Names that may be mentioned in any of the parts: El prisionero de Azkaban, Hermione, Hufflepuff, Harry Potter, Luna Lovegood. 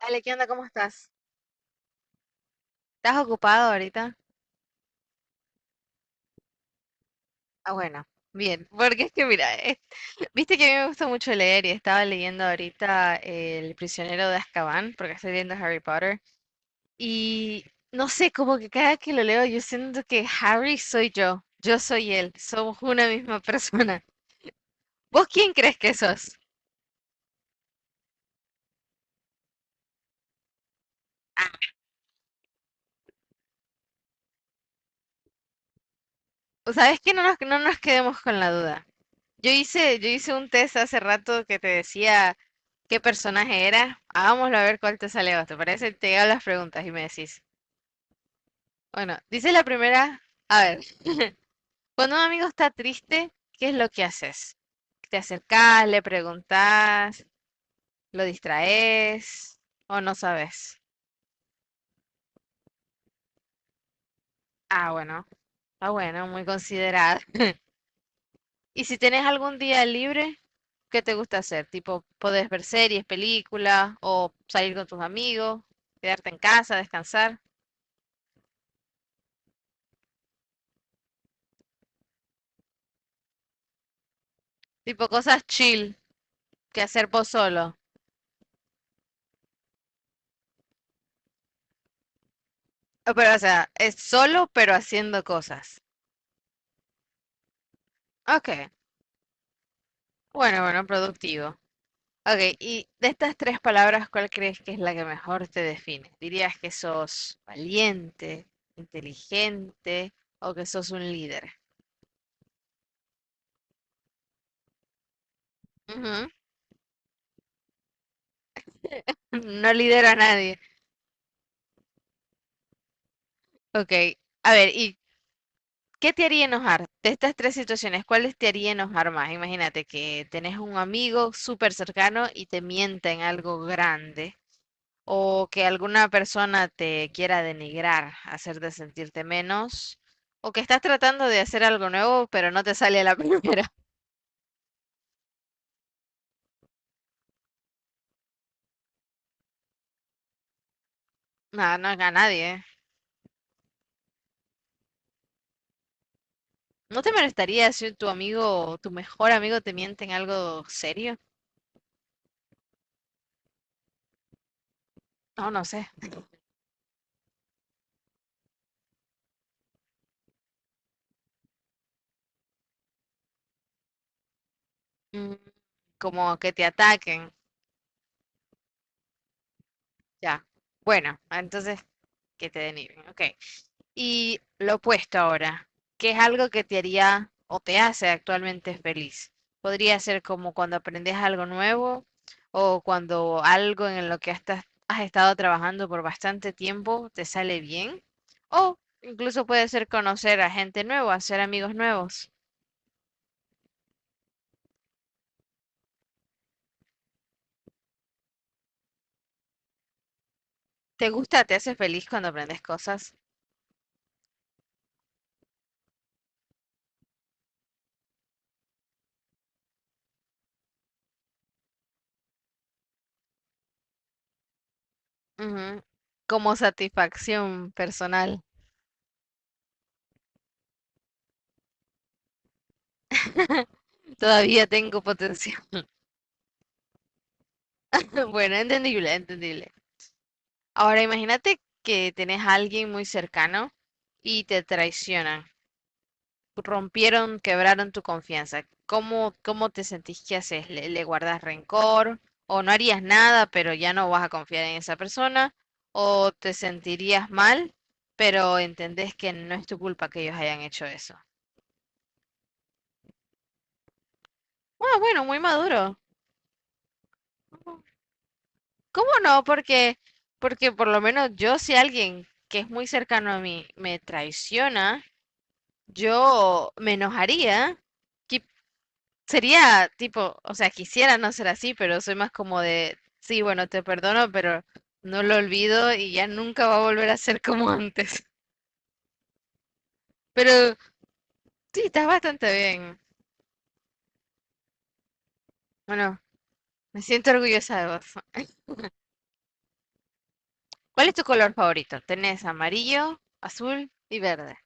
Dale, ¿qué onda? ¿Cómo estás? ¿Estás ocupado ahorita? Ah, bueno. Bien, porque es que mira, viste que a mí me gusta mucho leer y estaba leyendo ahorita El prisionero de Azkaban, porque estoy viendo Harry Potter, y no sé, como que cada que lo leo yo siento que Harry soy yo, yo soy él, somos una misma persona. ¿Vos quién crees que sos? Ah, sabes que no nos quedemos con la duda. Yo hice un test hace rato que te decía qué personaje era. Hagámoslo a ver cuál te sale vos. ¿Te parece? Te hago las preguntas y me decís. Bueno, dice la primera. A ver, cuando un amigo está triste, ¿qué es lo que haces? ¿Te acercás, le preguntás, lo distraes o no sabes? Ah, bueno, está bueno, muy considerada. ¿Y si tenés algún día libre, qué te gusta hacer? Tipo, podés ver series, películas o salir con tus amigos, quedarte en casa, descansar. Tipo cosas chill que hacer vos solo. Pero, o sea, es solo pero haciendo cosas. Ok, bueno, bueno, productivo. Ok, y de estas tres palabras, ¿cuál crees que es la que mejor te define? ¿Dirías que sos valiente, inteligente o que sos un líder? Ujú. No lidero a nadie. Ok, a ver, ¿y qué te haría enojar? De estas tres situaciones, ¿cuáles te haría enojar más? Imagínate que tenés un amigo súper cercano y te mienta en algo grande, o que alguna persona te quiera denigrar, hacerte sentirte menos, o que estás tratando de hacer algo nuevo, pero no te sale a la primera. No, no a nadie, ¿eh? ¿No te molestaría si tu amigo, tu mejor amigo te miente en algo serio? No, no sé. Mm. Como que te ataquen. Ya. Bueno, entonces que te denigren. Ok. Y lo opuesto ahora, ¿qué es algo que te haría o te hace actualmente feliz? Podría ser como cuando aprendes algo nuevo o cuando algo en lo que estás, has estado trabajando por bastante tiempo te sale bien. O incluso puede ser conocer a gente nueva, hacer amigos nuevos. ¿Te gusta, te hace feliz cuando aprendes cosas? Ujú. Como satisfacción personal. Todavía tengo potencial. Bueno, entendible, entendible. Ahora imagínate que tenés a alguien muy cercano y te traicionan, rompieron, quebraron tu confianza. ¿Cómo te sentís? ¿Qué haces? ¿Le guardas rencor? ¿O no harías nada, pero ya no vas a confiar en esa persona? ¿O te sentirías mal, pero entendés que no es tu culpa que ellos hayan hecho eso? Ah, bueno, muy maduro. ¿Cómo no? Porque, porque por lo menos yo si alguien que es muy cercano a mí me traiciona, yo me enojaría. qui- Sería tipo, o sea, quisiera no ser así, pero soy más como de, sí, bueno, te perdono, pero no lo olvido y ya nunca va a volver a ser como antes. Pero sí, estás bastante bien. Bueno, me siento orgullosa de vos. ¿Cuál es tu color favorito? Tenés amarillo, azul y verde.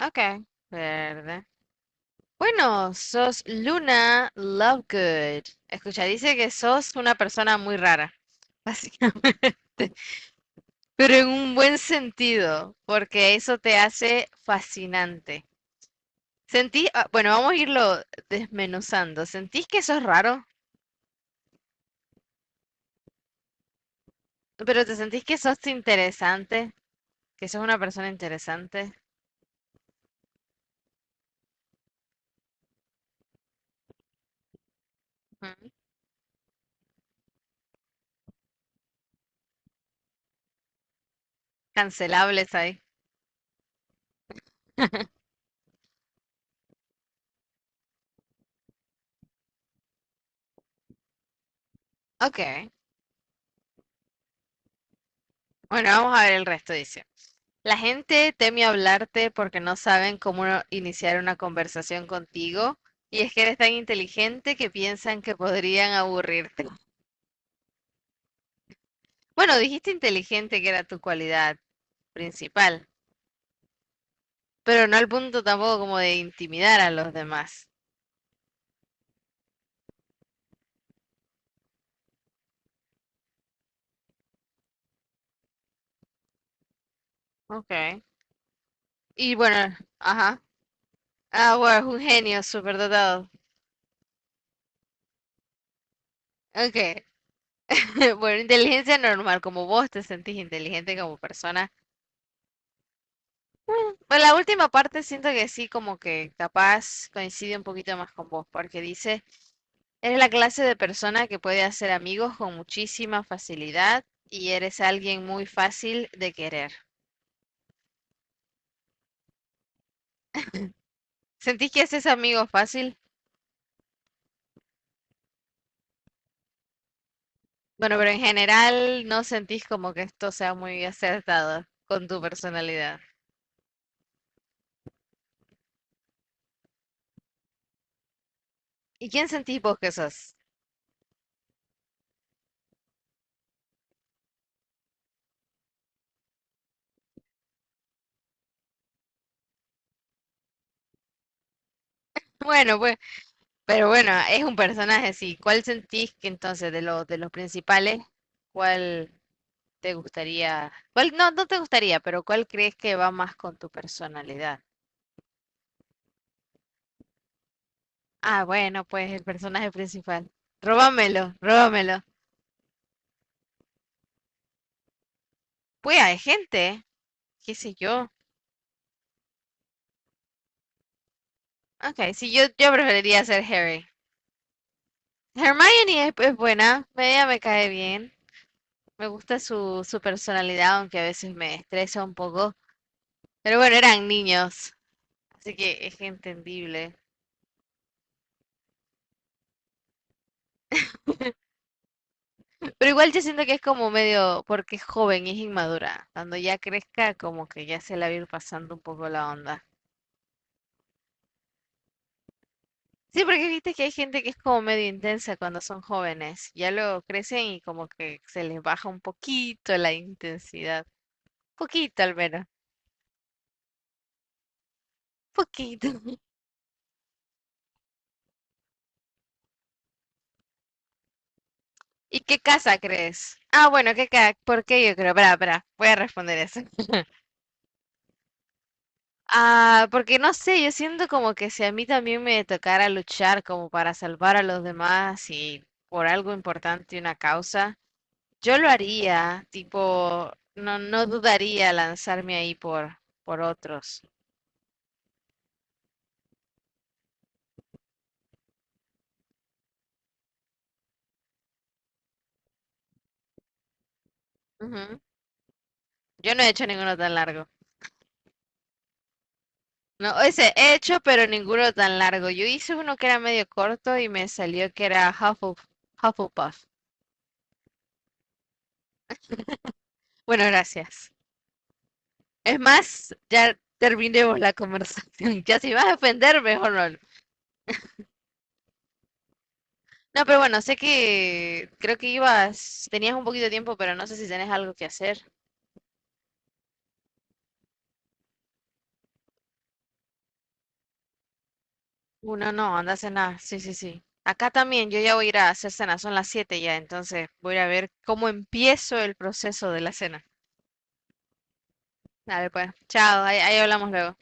Ok, verde. Bueno, sos Luna Lovegood. Escucha, dice que sos una persona muy rara, básicamente. Pero en un buen sentido, porque eso te hace fascinante. Sentí, ah, bueno, vamos a irlo desmenuzando. ¿Sentís que sos raro? ¿Pero te sentís que sos interesante? ¿Que sos una persona interesante? Ujú. Cancelables ahí. Ok. Bueno, vamos a ver el resto, dice. La gente teme hablarte porque no saben cómo no iniciar una conversación contigo. Y es que eres tan inteligente que piensan que podrían aburrirte. Bueno, dijiste inteligente que era tu cualidad principal. Pero no al punto tampoco como de intimidar a los demás. Okay. Y bueno, ajá. Ah, bueno, es un genio superdotado. Okay. Bueno, inteligencia normal, como vos te sentís inteligente como persona. Bueno, la última parte siento que sí, como que capaz coincide un poquito más con vos, porque dice, eres la clase de persona que puede hacer amigos con muchísima facilidad y eres alguien muy fácil de querer. ¿Sentís que haces amigos fácil? Bueno, pero en general no sentís como que esto sea muy acertado con tu personalidad. ¿Y quién sentís vos que sos? Bueno, pues, pero bueno, es un personaje, sí. ¿Cuál sentís que entonces de los principales, cuál te gustaría, cuál no, no te gustaría, pero cuál crees que va más con tu personalidad? Ah, bueno, pues el personaje principal. Róbamelo, róbamelo. Pues hay gente, qué sé yo. Ok, sí, yo preferiría ser Harry. Hermione es buena, ella me cae bien. Me gusta su personalidad, aunque a veces me estresa un poco. Pero bueno, eran niños, así que es entendible. Pero igual yo siento que es como medio, porque es joven y es inmadura. Cuando ya crezca, como que ya se la va a ir pasando un poco la onda. Sí, porque viste que hay gente que es como medio intensa cuando son jóvenes. Ya luego crecen y como que se les baja un poquito la intensidad. Poquito al menos. Poquito. ¿Y qué casa crees? Ah, bueno, ¿Por qué yo creo? Pará, pará, voy a responder eso. Ah, porque no sé, yo siento como que si a mí también me tocara luchar como para salvar a los demás y por algo importante, una causa, yo lo haría, tipo, no, no dudaría lanzarme ahí por otros. Ujú. Yo no he hecho ninguno tan largo. No, ese he hecho, pero ninguno tan largo. Yo hice uno que era medio corto y me salió que era Hufflepuff. Bueno, gracias. Es más, ya terminemos la conversación. Ya si vas a ofender, mejor no. No, pero bueno, sé que creo que ibas, tenías un poquito de tiempo, pero no sé si tenés algo que hacer. Uno no, no, anda a cenar. Sí, sí, sí. Acá también, yo ya voy a ir a hacer cena, son las 7 ya, entonces voy a ir a ver cómo empiezo el proceso de la cena. Dale, pues, chao, ahí hablamos luego.